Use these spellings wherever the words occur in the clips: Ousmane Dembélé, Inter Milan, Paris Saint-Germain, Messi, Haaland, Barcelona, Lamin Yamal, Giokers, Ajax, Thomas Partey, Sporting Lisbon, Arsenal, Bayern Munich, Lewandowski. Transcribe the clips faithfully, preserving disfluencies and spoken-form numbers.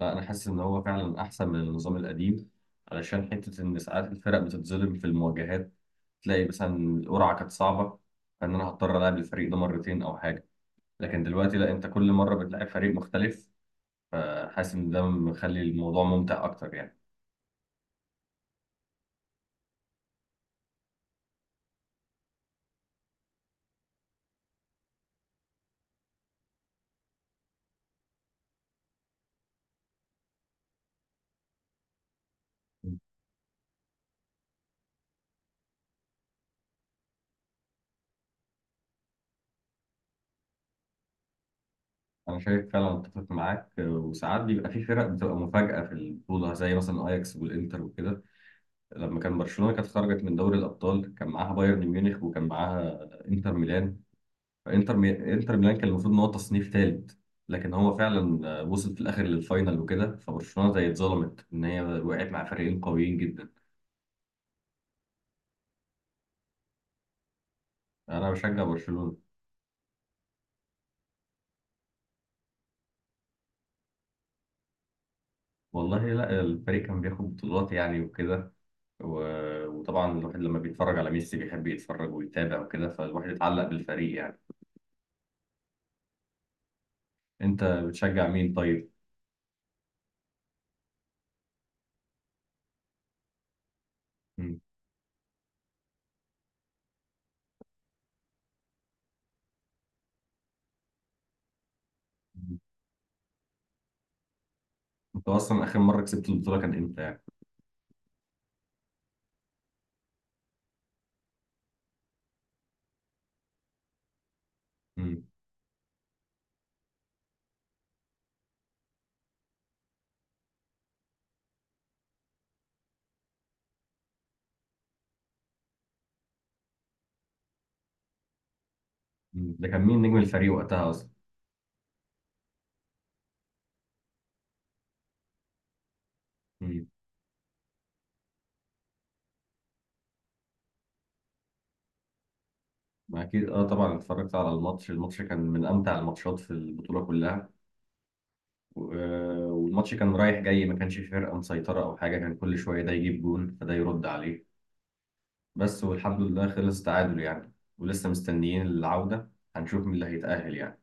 لا انا حاسس ان هو فعلا احسن من النظام القديم، علشان حته ان ساعات الفرق بتتظلم في المواجهات. تلاقي مثلا القرعه كانت صعبه، فان انا هضطر العب الفريق ده مرتين او حاجه، لكن دلوقتي لا، انت كل مره بتلاعب فريق مختلف. فحاسس ان ده مخلي الموضوع ممتع اكتر يعني. انا شايف فعلا اتفق معاك، وساعات بيبقى في فرق بتبقى مفاجاه في البطوله، زي مثلا اياكس والانتر وكده. لما كان برشلونه كانت خرجت من دوري الابطال، كان معاها بايرن ميونخ وكان معاها انتر ميلان. انتر مي... انتر ميلان كان المفروض ان هو تصنيف ثالث، لكن هو فعلا آه، وصل في الاخر للفاينل وكده، فبرشلونه زي اتظلمت ان هي وقعت مع فريقين قويين جدا. انا بشجع برشلونه. والله لا، الفريق كان بياخد بطولات يعني وكده، و... وطبعا الواحد لما بيتفرج على ميسي بيحب يتفرج ويتابع وكده، فالواحد اتعلق بالفريق يعني. انت بتشجع مين طيب؟ مم. مم. انت اصلا اخر مره كسبت البطوله كان امتى يعني؟ مم. مم. ده كان مين نجم الفريق وقتها اصلا؟ أكيد أه، طبعا اتفرجت على الماتش. الماتش كان من أمتع الماتشات في البطولة كلها. و- آه، والماتش كان رايح جاي، ما كانش في فرقة مسيطرة أو حاجة، كان كل شوية ده يجيب جون فده يرد عليه. بس والحمد لله خلص تعادل يعني، ولسه مستنيين العودة. هنشوف مين اللي هيتأهل يعني.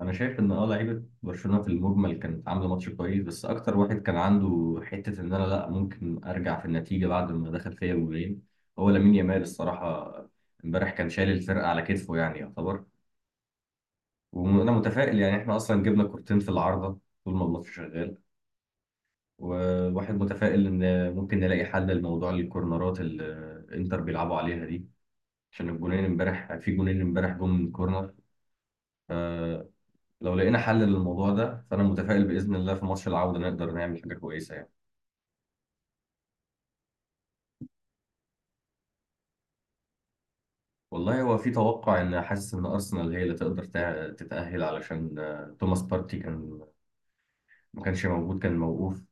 أنا شايف إن أه لعيبة برشلونة في المجمل كانت عاملة ماتش كويس، بس أكتر واحد كان عنده حتة إن أنا لأ، ممكن أرجع في النتيجة بعد ما دخل فيا جولين، هو لامين يامال الصراحة. امبارح كان شايل الفرقة على كتفه يعني، يعتبر. وانا متفائل يعني، احنا اصلا جبنا كورتين في العارضه طول ما الماتش شغال، والواحد متفائل ان ممكن نلاقي حل لموضوع الكورنرات اللي انتر بيلعبوا عليها دي، عشان الجونين امبارح، في جونين امبارح جم من كورنر. فلو لقينا حل للموضوع ده، فانا متفائل باذن الله في ماتش العوده نقدر نعمل حاجه كويسه يعني. والله هو في توقع، ان حاسس ان ارسنال هي اللي تقدر تع- تتاهل، علشان آه، توماس بارتي كان، ما كانش موجود، كان موقوف.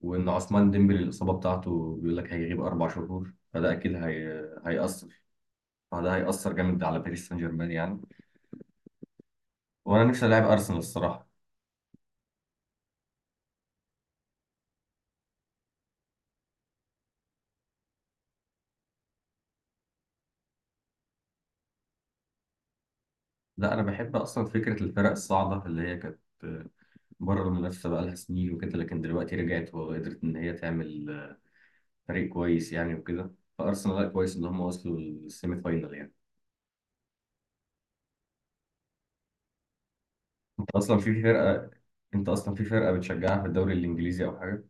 وان عثمان ديمبلي الاصابه بتاعته بيقول لك هيغيب اربع شهور، فده اكيد هي... هيأثر. فده هيأثر جامد على باريس سان جيرمان يعني. وانا نفسي العب ارسنال الصراحه. لا، انا بحب اصلا فكره الفرق الصاعده اللي هي كانت بره المنافسه بقى لها سنين وكده، لكن دلوقتي رجعت وقدرت ان هي تعمل فريق كويس يعني وكده. فارسنال لا، كويس ان هم وصلوا للسيمي فاينال يعني. انت اصلا في فرقه انت اصلا في فرقه بتشجعها في الدوري الانجليزي او حاجه؟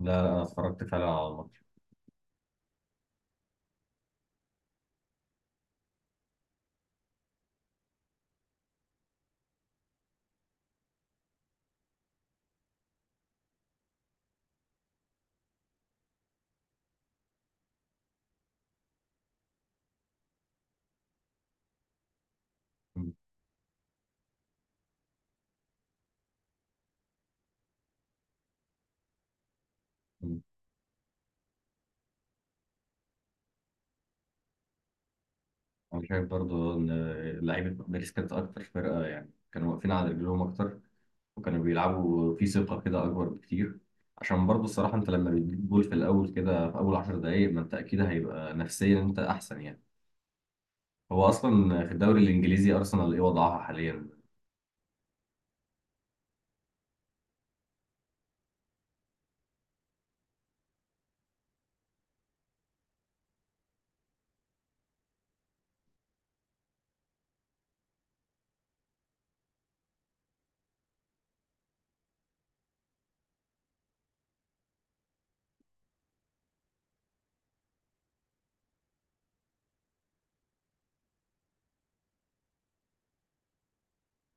لا لا، انا اتفرجت فعلا على الماتش. انا شايف برضو ان لعيبه باريس كانت اكتر فرقه يعني، كانوا واقفين على رجلهم اكتر، وكانوا بيلعبوا في ثقه كده اكبر بكتير. عشان برضو الصراحه انت لما بتجيب جول في الاول كده في اول 10 دقائق، ما انت اكيد هيبقى نفسيا انت احسن يعني. هو اصلا في الدوري الانجليزي ارسنال ايه وضعها حاليا؟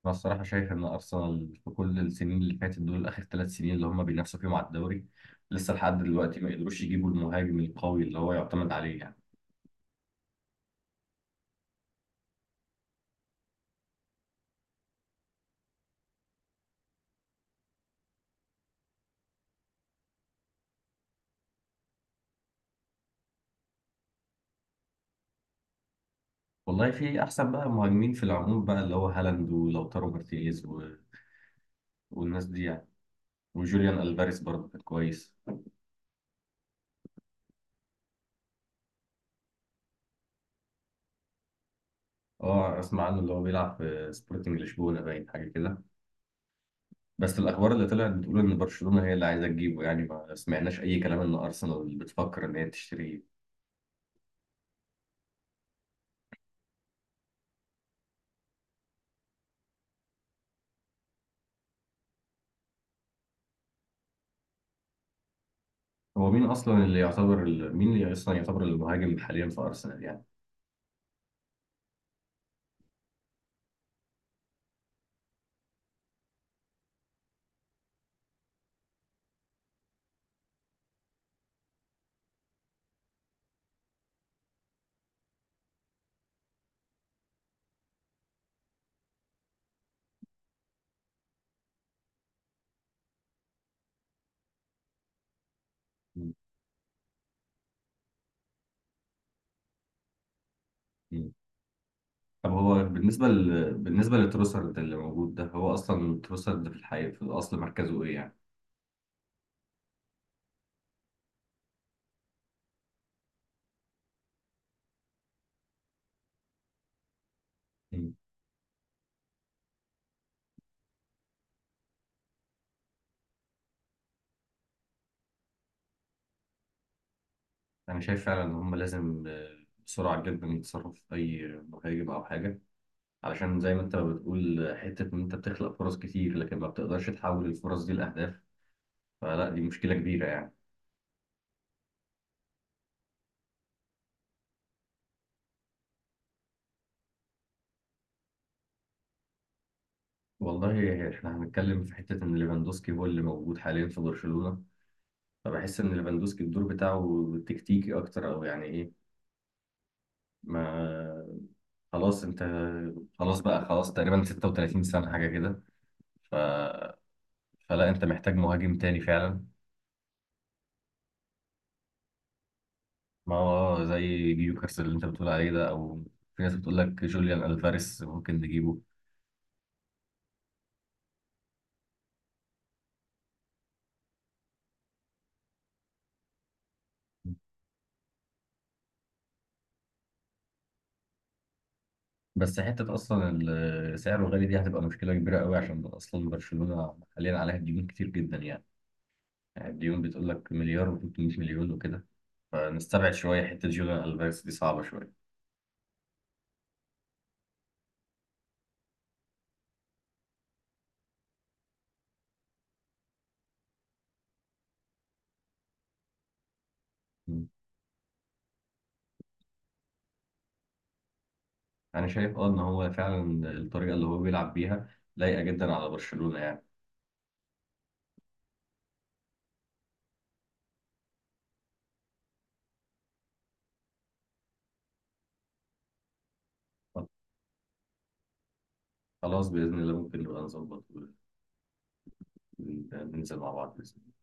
انا الصراحه شايف ان ارسنال في كل السنين اللي فاتت دول، اخر تلات سنين اللي هم بينافسوا فيهم على الدوري، لسه لحد دلوقتي ما قدروش يجيبوا المهاجم القوي اللي هو يعتمد عليه يعني. والله في احسن بقى مهاجمين في العموم بقى، اللي هو هالاند ولوتارو مارتينيز و... والناس دي يعني. وجوليان الفاريز برضه كان كويس. اه اسمع عنه، اللي هو بيلعب في سبورتنج لشبونه، باين حاجه كده. بس الاخبار اللي طلعت بتقول ان برشلونه هي اللي عايزه تجيبه يعني، ما سمعناش اي كلام ان ارسنال بتفكر ان هي تشتريه. هو مين اصلا اللي يعتبر ال... مين اللي اصلا يعتبر المهاجم حاليا في ارسنال يعني؟ م- م. طب هو بالنسبه ل... بالنسبه لتروسرد اللي موجود ده، هو اصلا تروسرد في الحقيقه في الاصل مركزه ايه يعني؟ أنا شايف فعلا إن هم لازم آه، بسرعة جدا يتصرفوا في أي مهاجم أو حاجة، علشان زي ما أنت بتقول آه، حتة إن أنت بتخلق فرص كتير لكن ما بتقدرش تحول الفرص دي لأهداف. فلا، دي مشكلة كبيرة يعني. والله إحنا هنتكلم في حتة إن ليفاندوسكي هو اللي موجود حاليا في برشلونة، فبحس إن ليفاندوسكي الدور بتاعه تكتيكي أكتر، أو يعني إيه، ما خلاص أنت خلاص بقى، خلاص تقريبا 36 سنة حاجة كده ف... فلا، أنت محتاج مهاجم تاني فعلا. ما هو زي جيوكرس اللي انت بتقول عليه ده، او في ناس بتقول لك جوليان الفاريس ممكن نجيبه. بس حته اصلا ال- سعره غالي دي هتبقى مشكله كبيره قوي، عشان اصلا برشلونه حاليا عليها ديون كتير جدا يعني. يعني الديون بتقول لك مليار و300 مليون وكده، فنستبعد شويه حته جوليان الفاريس دي صعبه شويه. مم. انا شايف اه ان هو فعلا الطريقه اللي هو بيلعب بيها لايقه جدا على برشلونه يعني. خلاص باذن الله ممكن نبقى نظبط وننزل مع بعض بإذن الله.